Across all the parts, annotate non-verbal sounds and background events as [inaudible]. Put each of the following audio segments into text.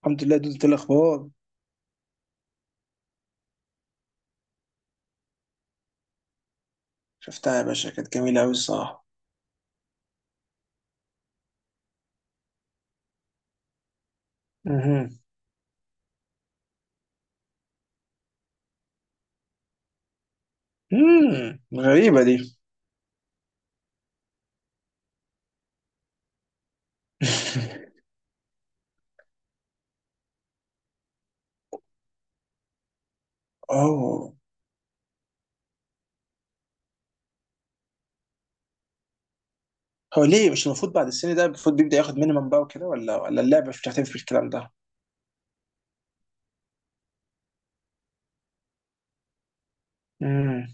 الحمد لله، دول الاخبار. شفتها يا باشا، كانت جميله قوي الصراحه. مهم. مم. غريبه دي. [laughs] اوه. هو ليه مش المفروض بعد السن ده؟ المفروض بيبدا ياخد مينيمم بقى وكده، ولا اللعبه مش بتعترف بالكلام ده. امم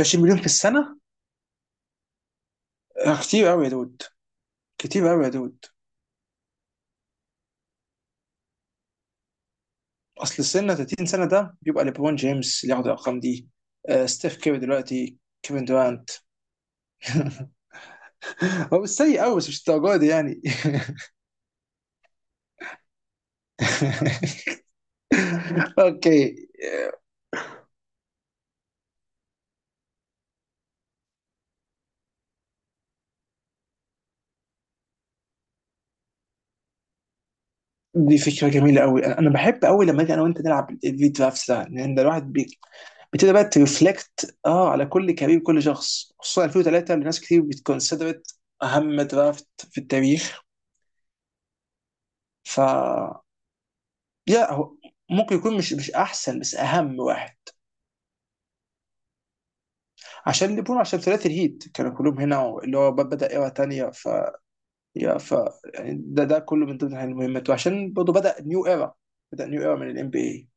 20 مليون في السنه. آه، كتير قوي يا دود. كتير قوي يا دود. اصل السن 30 سنه ده بيبقى ليبرون جيمس اللي ياخد الارقام دي. آه، ستيف كيري دلوقتي. كيفن دورانت. [laughs] هو مش سيء قوي، بس مش الدرجه دي يعني. [laughs] اوكي. دي فكرة جميلة قوي، انا بحب قوي لما اجي انا وانت نلعب الفيديو درافت ده، لان ده الواحد بي... بتبدا بقى ترفلكت على كل كارير كل شخص، خصوصا 2003 اللي ناس كتير بتكونسيدرت اهم درافت في التاريخ. ف يا هو، ممكن يكون مش احسن، بس اهم واحد. عشان ليبرون، عشان ثلاثي الهيت كانوا كلهم هنا، اللي هو بدا ايرا تانية. ف يا ف يعني ده كله من ضمن المهمات، وعشان برضه بدا نيو ايرا. بدا نيو ايرا من الام بي اي.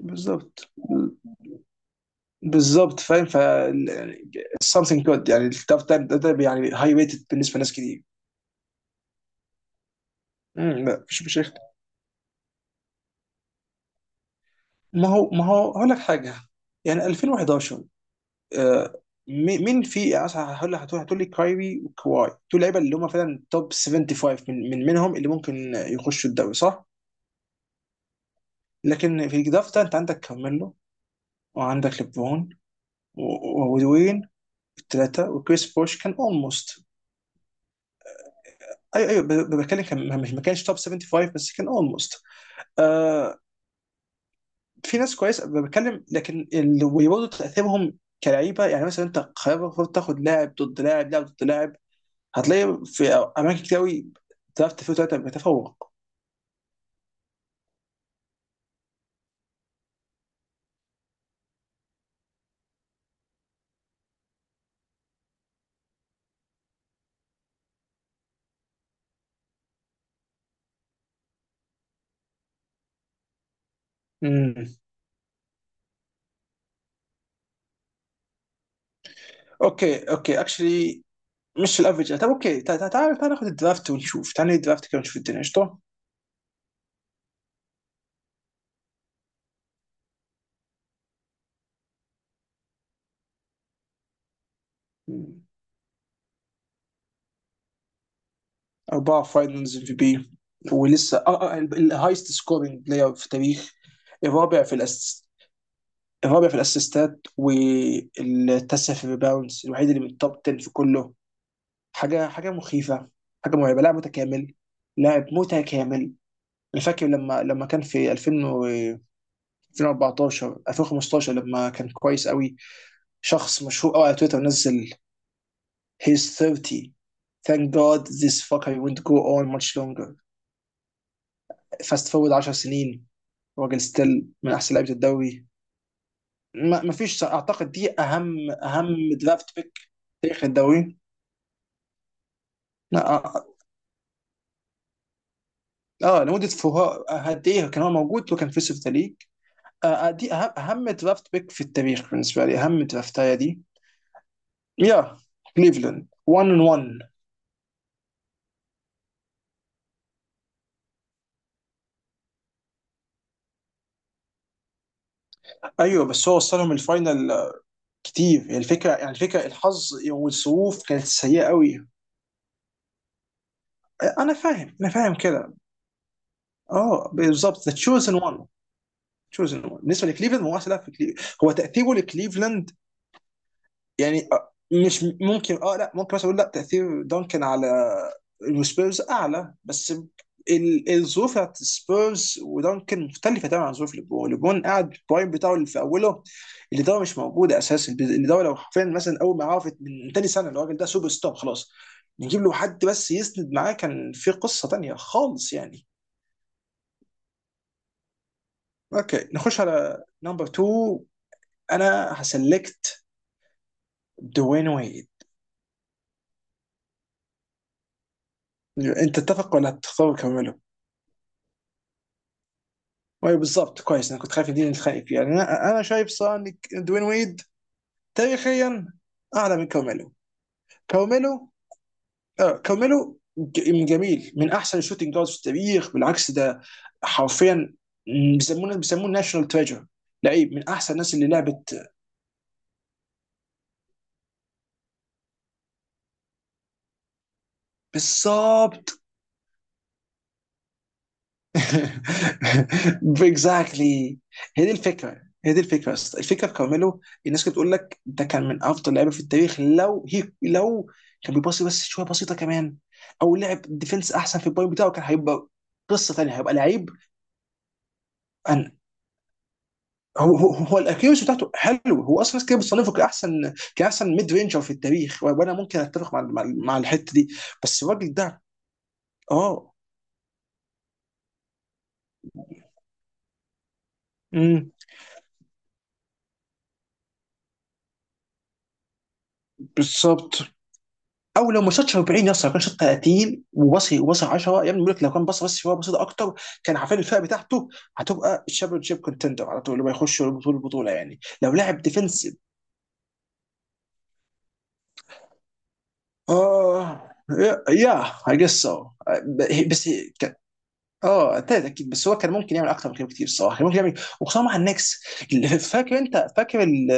بالظبط. بالظبط فاهم. Something good، يعني التاف تايم ده, يعني هاي ريتد بالنسبه لناس كتير. مم، لا مش هيخت- ما هو هقول لك حاجه. يعني 2011، آه. مي- مين في، يعني مثلا هقول لك، هتقول لي كايري وكواي، دول لعيبه اللي هم فعلا توب 75، من منهم اللي ممكن يخشوا الدوري صح؟ لكن في الدرافت ده انت عندك كارميلو، وعندك ليبرون، و- ودوين، الثلاثه، وكريس بوش كان اولموست. ايوه، ايوه، بتكلم، كان ما كانش توب 75، بس كان اولموست. في ناس كويسه أنا بتكلم، لكن وبرضه تاثيرهم كلعيبه، يعني مثلا انت قرار المفروض تاخد لاعب ضد لاعب، لاعب ضد لاعب. هتلاقي في اماكن كتير قوي درافت فيه ثلاثه بتفوق. امم اوكي، اوكي اكشلي، مش الافرج. طب اوكي، تعال تعال ناخد الدرافت ونشوف، تعال ناخد الدرافت كده ونشوف الدنيا قشطه. مم. اربعه فاينلز ام في بي، ولسه الهايست سكورينج بلاير في التاريخ. الرابع في الأس... الرابع في الاسيستات، والتاسع في الريباوندز، الوحيد اللي من التوب 10 في كله. حاجه مخيفه. حاجه مرعبه، لاعب متكامل. لاعب متكامل. انا فاكر لما كان في 2000 و 2014 2015، لما كان كويس قوي، شخص مشهور قوي على تويتر نزل: he's 30, thank god this fucker won't go on much longer. Fast forward 10 سنين، راجل ستيل من احسن لعيبه الدوري. ما فيش، اعتقد دي اهم اهم درافت بيك تاريخ الدوري. لا، اه، آه، لمده فوها قد ايه كان هو موجود وكان في سيف ذا ليج. آه، آه، دي اهم درافت بيك في التاريخ بالنسبه لي، اهم درافتايه دي. يا كليفلاند 1 ان 1. ايوه، بس هو وصلهم الفاينل آه، كتير، يعني الفكره، يعني الفكره الحظ والظروف كانت سيئه قوي. آه، انا فاهم، انا فاهم كده. اه، بالظبط، ذا تشوزن 1. تشوزن 1 بالنسبه لكليفلاند، هو احسن لاعب في كليفلاند، هو تاثيره لكليفلاند. يعني آه، مش ممكن اه، لا ممكن مثلا اقول لا، تاثير دانكن على السبيرز اعلى، بس الظروف بتاعت السبيرز ودانكن مختلفه تماما عن ظروف ليبرون. ليبرون قاعد البرايم بتاعه اللي في اوله، اللي ده مش موجود اساسا، اللي ده لو حرفيا مثلا، اول ما عرفت من تاني سنه الراجل ده سوبر ستار خلاص. نجيب له حد بس يسند معاه، كان في قصه تانيه خالص يعني. اوكي، نخش على نمبر 2. انا هسلكت دوين ويد. انت تتفق ولا تختار كمان؟ ايوه، بالظبط، كويس، انا كنت خايف دي نتخانق فيها، يعني انا شايف صراحه ان دوين ويد تاريخيا اعلى من كارميلو. كارميلو، آه كارميلو، ج- من جميل من احسن الشوتنج جاردز في التاريخ بالعكس ده. حرفيا بيسموه ناشونال تريجر، لعيب من احسن الناس اللي لعبت. بالظبط. [laughs] اكزاكتلي. هي دي الفكره، هي دي الفكره يا اسطى. الفكره في كارميلو: الناس كانت بتقول لك ده كان من افضل لعيبه في التاريخ لو، هي لو كان بيباصي بس شويه بسيطه كمان، او لعب ديفنس احسن، في البوينت بتاعه كان هيبقى قصه ثانيه، هيبقى لعيب. أن هو الاكيوس بتاعته حلو، هو اصلا ناس كده بتصنفه كاحسن، كاحسن ميد رينجر في التاريخ، وانا ممكن اتفق مع الحته دي. بس الراجل ده، اه. امم بالظبط. او لو ما شاطش 40 يا اسطى، لو كان شاط 30 وصل 10، يا ابني بيقول لك لو كان بص بس شويه بسيطه اكتر، كان عارفين الفئه بتاعته هتبقى الشامبيون شيب كونتندر على طول اللي هيخش البطوله، يعني لو لعب ديفنسيف. اه. يا اي جس سو. بس، اه، ابتدت اكيد، بس هو كان ممكن يعمل اكتر من كده بكتير الصراحه، كان ممكن يعمل إيه؟ وخصوصا مع النكس اللي- فاكر، انت فاكر ال-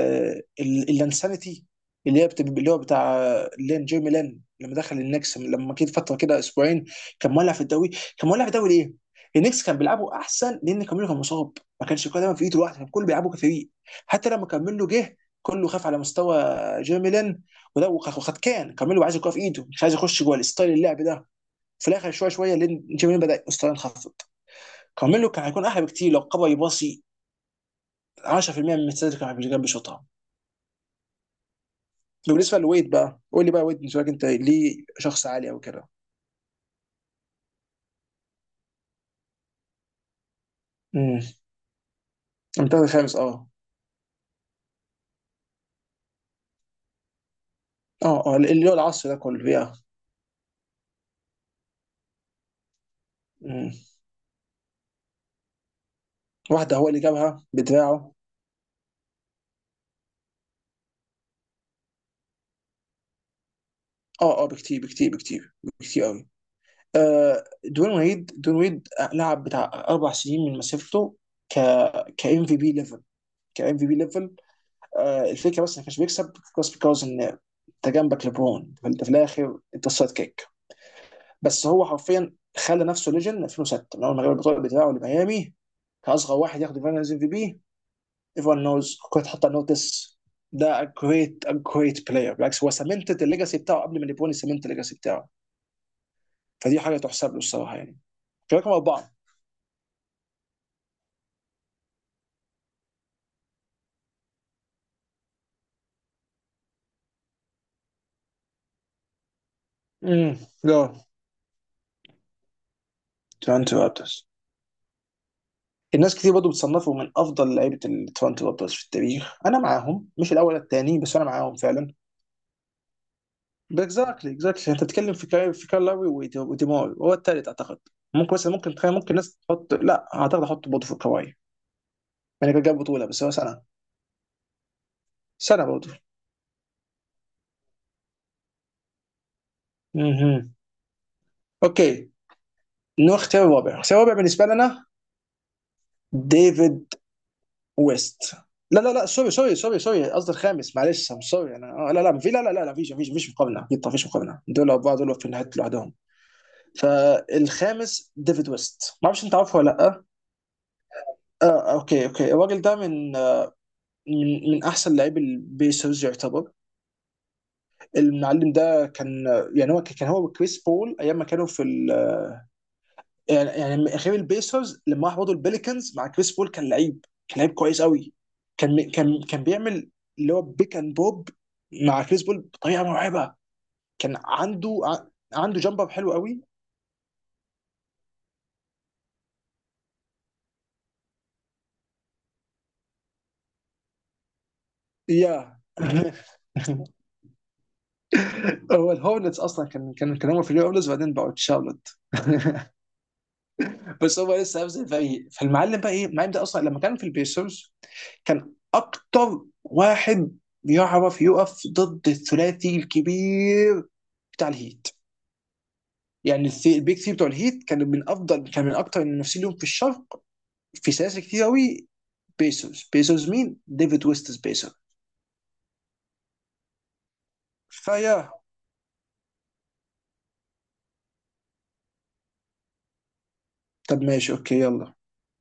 ال- الانسانيتي، اللي هي بت- اللي هو بتاع لين، جيرمي لين، لما دخل النكس لما كده فتره كده اسبوعين، كان مولع في الدوري. كان مولع في الدوري ليه؟ النكس كان بيلعبوا احسن لان كاميلو كان مصاب، ما كانش كله دايما في ايده لوحده، كان كله بيلعبوا كفريق. حتى لما كاميلو جه كله خاف على مستوى جيرمي لين، وده، وخد، كان كاميلو عايز الكوره في ايده، مش عايز يخش جوه الستايل اللعب ده، في الاخر شويه شويه لان جيمي بدا مستواه ينخفض. كارميلو كان هيكون احلى بكتير لو قبل يباصي، 10% من السيرفر كان بيشوطها. بالنسبه لويد بقى، قول لي بقى، ويد بالنسبه لك انت ليه شخص عالي او كده؟ امم المنتخب الخامس، اه. اه، اه، اللي هو العصر ده كله. يا امم واحده هو اللي جابها بدراعه. اه، اه، بكتير، بكتير، بكتير، بكتير قوي. آه، دون ويد، دون ويد لعب بتاع اربع سنين من مسيرته، ك ك ام في بي ليفل، ك ام في بي ليفل. آه، الفكره بس ما كانش بيكسب، بس بيكوز ان انت جنبك لبرون، فانت في الاخر انت السايد كيك، بس هو حرفيا خلى نفسه ليجن 2006 من اول ما جاب البطوله بتاعه لميامي كاصغر واحد ياخد الفاينلز ام في بي. ايفون نوز، كنت حط نوتس. ده جريت، جريت بلاير، بالعكس، هو سمنتد الليجاسي بتاعه قبل ما نيبوني سمنت الليجاسي بتاعه، فدي حاجه تحسب له الصراحه يعني. رقم اربعه. امم جو، تورنتو رابترز. الناس كتير برضه بتصنفوا من افضل لعيبه التورنتو رابترز في التاريخ، انا معاهم، مش الاول، الثاني، بس انا معاهم فعلا. اكزاكتلي، اكزاكتلي، انت بتتكلم في كاي، لاوي، وديماي هو الثالث اعتقد. ممكن مثلا، ممكن تخيل، ممكن الناس تحط، لا اعتقد احط برضه في كواي، يعني كان جاب بطوله، بس هو سنه، سنه برضه. اها. اوكي. نروح اختيار الرابع، اختيار الرابع بالنسبه لنا. ديفيد ويست. لا، لا، لا، سوري، سوري، سوري، سوري، قصدي الخامس، معلش، سوري انا آه، لا، لا، في لا، لا، لا، لا، فيش، فيش، مقابله اكيد طبعاً، فيش مقابله، دول اربعه، دول في نهايه لوحدهم. فالخامس ديفيد ويست، ما اعرفش انت عارفه ولا لا. آه، آه، اوكي، اوكي، الراجل ده من احسن لاعبي البيسرز يعتبر. المعلم ده كان، يعني هو كان هو وكريس بول ايام ما كانوا في ال... يعني، غير البيسرز لما راح برضه البليكنز مع كريس بول كان لعيب، كان لعيب كويس قوي، كان، كان بيعمل اللي هو بيك اند بوب مع كريس بول بطريقه مرعبه. كان عنده عنده جامبر حلو قوي. [laughs] Yeah. [applause] هو الهورنتس اصلا، كان هم في الهورنتس، وبعدين بقوا تشارلوت. [laughs] بس هو لسه هيفضل فريق. فالمعلم بقى ايه؟ المعلم ده اصلا لما كان في البيسرز، كان اكتر واحد بيعرف يقف ضد الثلاثي الكبير بتاع الهيت. يعني البيك ثري بتوع الهيت كانوا من افضل، كان من اكتر المنافسين لهم في الشرق في سلاسل كتير قوي. بيسرز، بيسرز مين؟ ديفيد ويستس بيسر. فيا طب ماشي، اوكي، يلا.